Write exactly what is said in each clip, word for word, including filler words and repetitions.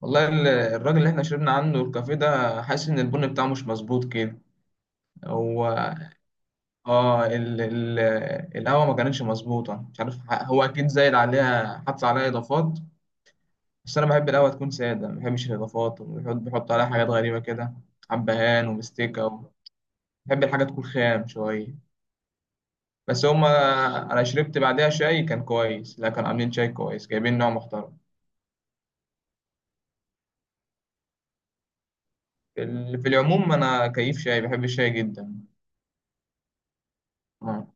والله ال- الراجل اللي احنا شربنا عنده الكافيه ده حاسس ان البن بتاعه مش مظبوط كده. هو، اه ال ال القهوه ما كانتش مظبوطه. مش عارف، ح- هو اكيد زايد عليها، حط عليها اضافات. بس انا بحب القهوه تكون ساده، ما بحبش الاضافات، وبيحط بيحط عليها حاجات غريبه كده، حبهان ومستيكه و... بحب الحاجه تكون خام شويه. بس هما. انا شربت بعدها شاي كان كويس، لا كانوا عاملين شاي كويس، جايبين نوع محترم. في ال- في العموم انا كيف شاي، بحب الشاي جدا. آه.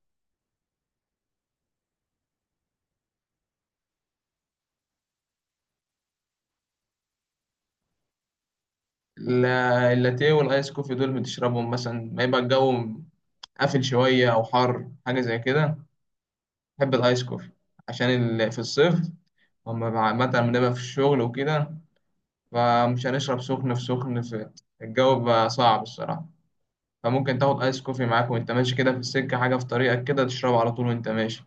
لا- اللاتيه والايس كوفي دول بتشربهم مثلا ما يبقى الجو قافل شوية أو حر، حاجة زي كده. بحب الآيس كوفي عشان ال- في الصيف. أما بع- مثلا بنبقى في الشغل وكده، فمش هنشرب سخن في سخن في الجو بقى صعب الصراحة. فممكن تاخد آيس كوفي معاك وأنت ماشي كده في السكة، حاجة في طريقك كده تشربه على طول وأنت ماشي.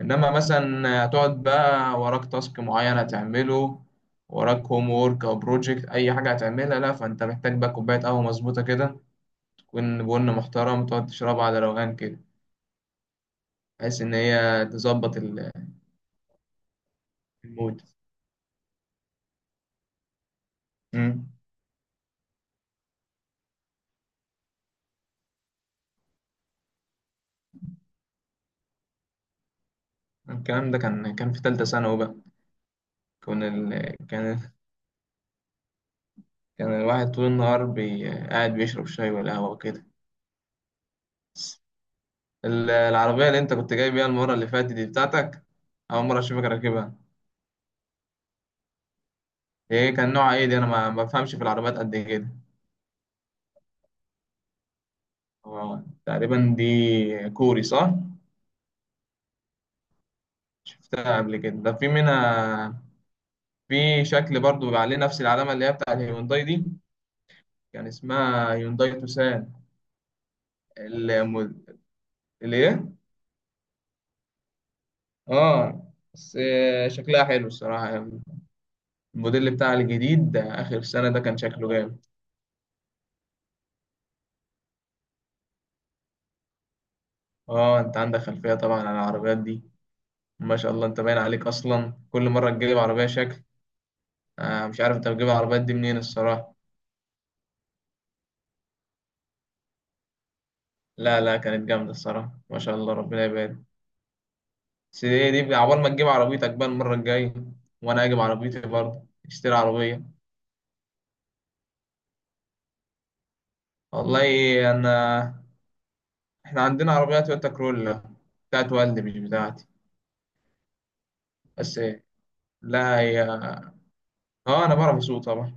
إنما مثلا هتقعد بقى وراك تاسك معين هتعمله، وراك هوم وورك أو بروجكت، أي حاجة هتعملها، لا فأنت محتاج بقى كوباية قهوة مظبوطة كده، تكون بن محترم، تقعد تشربها على روقان كده بحيث إن هي تظبط ال- المود. مم. الكلام ده كان كان في تالتة ثانوي بقى. كان ال... كان كان الواحد طول النهار بي... قاعد بيشرب شاي والقهوة وكده. ال- العربية اللي أنت كنت جاي بيها المرة اللي فاتت دي بتاعتك، أول مرة أشوفك راكبها. إيه كان نوعها؟ إيه دي؟ أنا ما ما بفهمش في العربيات قد كده. هو تقريبا دي كوري، صح؟ شفتها قبل كده، ده في منها، في شكل برضو بيبقى عليه نفس العلامة اللي هي بتاع الهيونداي دي، كان اسمها يونداي توسان. الم- الايه؟ اه، بس آه، شكلها حلو الصراحة. الموديل بتاعها الجديد ده آخر سنة ده كان شكله جامد. اه، انت عندك خلفية طبعا عن العربيات دي. ما شاء الله، انت باين عليك اصلا كل مرة تجيب عربية شكل. آه مش عارف انت بتجيب العربيات دي منين الصراحة. لا لا، كانت جامدة الصراحة، ما شاء الله، ربنا يبارك. بس ايه دي بقى، عقبال ما تجيب عربيتك بقى المرة الجاية، وانا اجيب عربيتي برضه، اشتري عربية. والله، انا احنا عندنا عربية تويوتا كرولا، بتاعت والدي مش بتاعتي. بس إيه، لا، هي اه انا بعرف اسوق طبعا.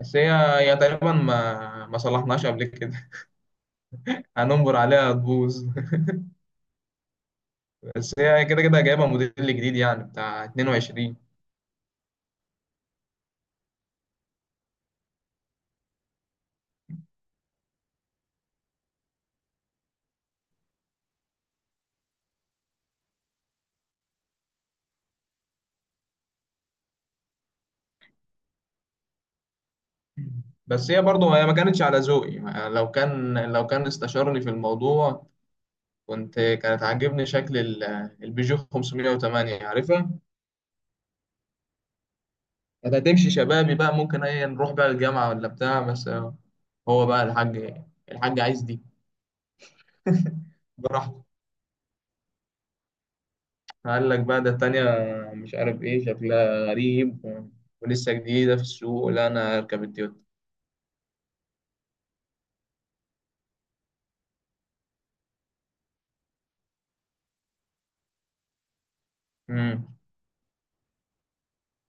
بس هي، هي تقريبا ما ما صلحناش قبل كده. هننبر عليها تبوظ. بس هي كده كده جايبة موديل جديد يعني بتاع اتنين وعشرين. بس هي برضه هي ما كانتش على ذوقي، ما- لو كان لو كان استشارني في الموضوع، كنت كانت عاجبني شكل ال- البيجو خمسمائة وثمانية، عارفها؟ كانت هتمشي شبابي بقى، ممكن ايه نروح بقى الجامعة ولا بتاع، بس آه. هو بقى الحاج، الحاج عايز دي، براحته. قال لك بقى، ده التانية، مش عارف ايه شكلها غريب و... ولسه جديدة في السوق، لا انا هركب التويوتا. امم.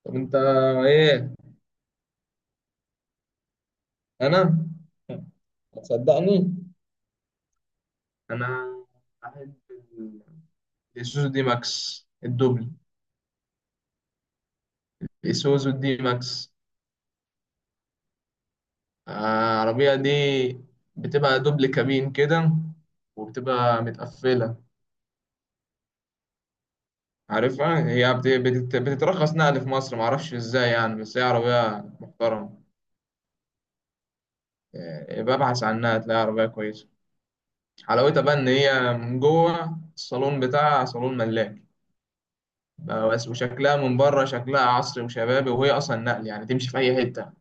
طب انت ايه؟ انا، هتصدقني، انا احب ال- الاسوزو دي ماكس الدوبل. الاسوزو دي ماكس. آه، العربية دي بتبقى دوبل كابين كده، وبتبقى متقفلة. عارفها، هي بت- بتت- بتترخص نقل في مصر، معرفش ازاي يعني، بس هي عربية محترمة. إيه، ببحث عنها تلاقي عربية كويسة. حلاوتها بقى إن هي من جوه الصالون بتاعها صالون ملاك. بس وشكلها من بره شكلها عصري وشبابي، وهي أصلا نقل يعني، تمشي في أي حتة.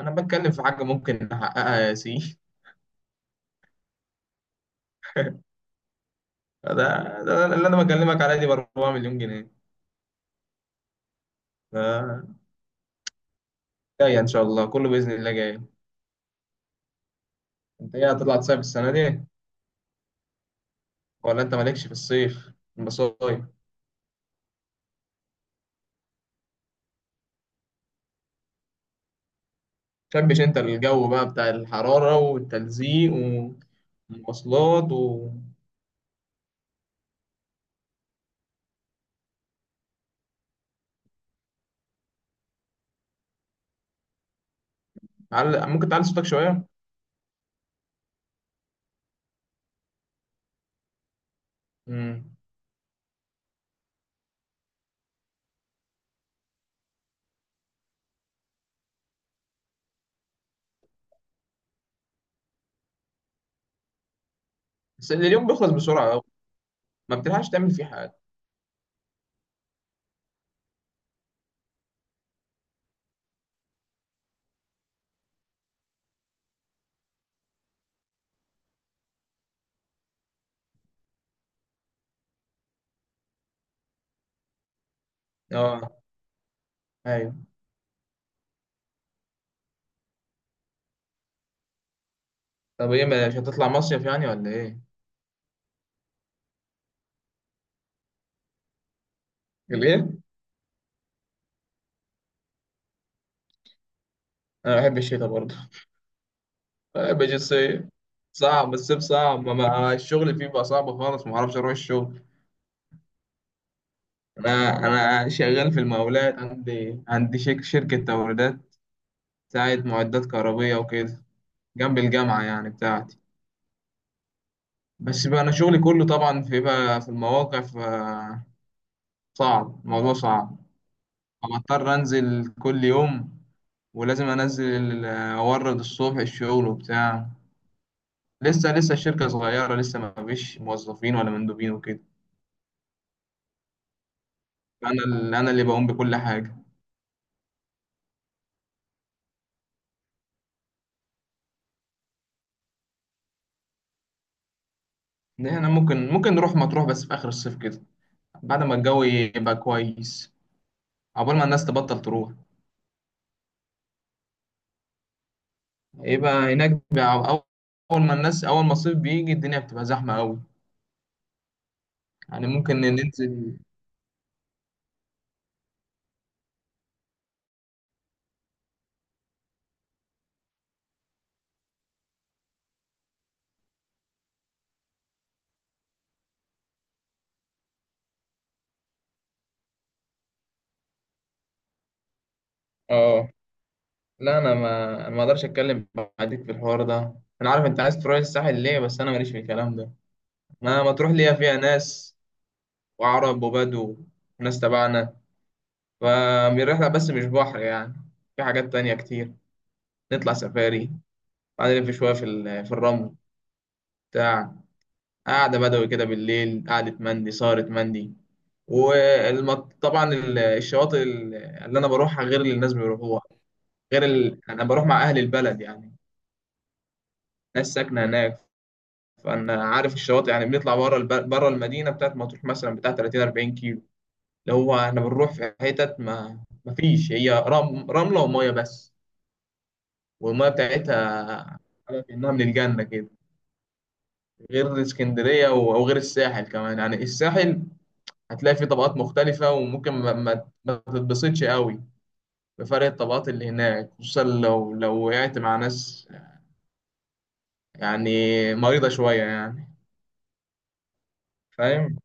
أنا بتكلم في حاجة ممكن نحققها يا سي. ده, ده اللي أنا بكلمك عليه دي ب اربعة مليون جنيه مليون جنيه. ف- جاية إن شاء الله، كله بإذن الله جاي. أنت إيه هتطلع تصيف السنة دي؟ ولا أنت مالكش في الصيف مصايف؟ شبش انت الجو بقى بتاع الحرارة والتلزيق والمواصلات و... تعل- ممكن تعلي صوتك شوية. مم. بس اليوم بيخلص بسرعة أوي، ما بتلحقش تعمل فيه حاجة. اه، ايوه. طب ايه، مش هتطلع مصيف يعني ولا ايه؟ ليه؟ انا بحب الشتا برضه. بحب الصيف صعب، الصيف صعب، ما ما- الشغل فيه بقى صعب خالص، ما اعرفش اروح الشغل. انا انا شغال في المقاولات، عندي عندي شك- شركة توريدات بتاعت معدات كهربية وكده، جنب الجامعة يعني بتاعتي. بس بقى انا شغلي كله طبعا في بقى في المواقع، فصعب الموضوع، صعب. أنا اضطر انزل كل يوم، ولازم انزل ال- اورد الصبح الشغل وبتاع. لسه لسه الشركة صغيرة، لسه ما فيش موظفين ولا مندوبين وكده، فانا ال- انا اللي بقوم بكل حاجة. إن احنا ممكن ممكن نروح مطروح بس في اخر الصيف كده، بعد ما الجو يبقى كويس، عقبال ما الناس تبطل تروح، يبقى هناك بقى. اول ما الناس اول ما الصيف بيجي الدنيا بتبقى زحمة قوي، يعني ممكن ننزل. اه. لا، انا ما أنا ما اقدرش اتكلم معاك في الحوار ده. انا عارف انت عايز تروح الساحل ليه، بس انا ماليش في الكلام ده. ما ما تروح ليها، فيها ناس وعرب وبدو وناس تبعنا. فالرحله بس مش بحر يعني، في حاجات تانية كتير. نطلع سفاري، بعدين نلف شويه في ال- في الرمل بتاع، قعده بدوي كده بالليل، قعده مندي، سهره مندي، وطبعا الشواطئ ال- اللي انا بروحها غير اللي الناس بيروحوها. غير ال... انا بروح مع اهل البلد يعني، ناس ساكنه هناك، فانا عارف الشواطئ يعني. بنطلع بره الب... بره المدينه بتاعت مطروح مثلا بتاع تلاتين اربعين كيلو، اللي هو احنا بنروح في حتت ما ما فيش، هي رم... رمله وميه بس. والميه بتاعتها على كأنها من الجنة كده. غير اسكندرية و- أو غير الساحل كمان يعني، الساحل هتلاقي فيه طبقات مختلفة، وممكن ما, ما, ما تتبسطش قوي بفرق الطبقات اللي هناك، خصوصا لو لو وقعت مع ناس يعني مريضة شوية يعني. فاهم؟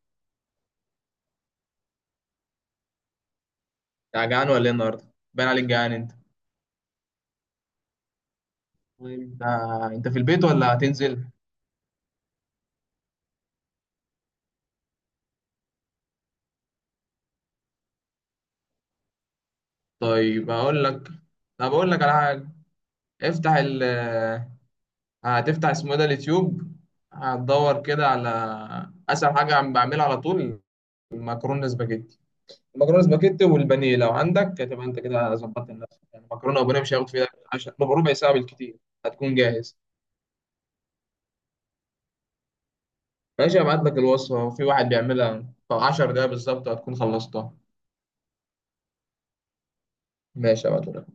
أنت جعان ولا إيه النهاردة؟ باين عليك جعان أنت. طيب، آه، انت في البيت ولا هتنزل؟ طيب اقول لك طب اقول لك على حاجه. افتح ال آه، هتفتح اسمه ايه ده، اليوتيوب. هتدور كده على اسهل حاجه عم بعملها على طول، المكرونه سباجيتي. المكرونه سباجيتي والبانيه، لو عندك هتبقى انت كده ظبطت نفسك، يعني مكرونه وبانيه مش هياخد فيها عشرة، ربع ساعه بالكتير هتكون جاهز. ماشي، هبعت لك الوصفه، في واحد بيعملها في 10 دقايق بالظبط هتكون خلصتها. ماشي، هبعت.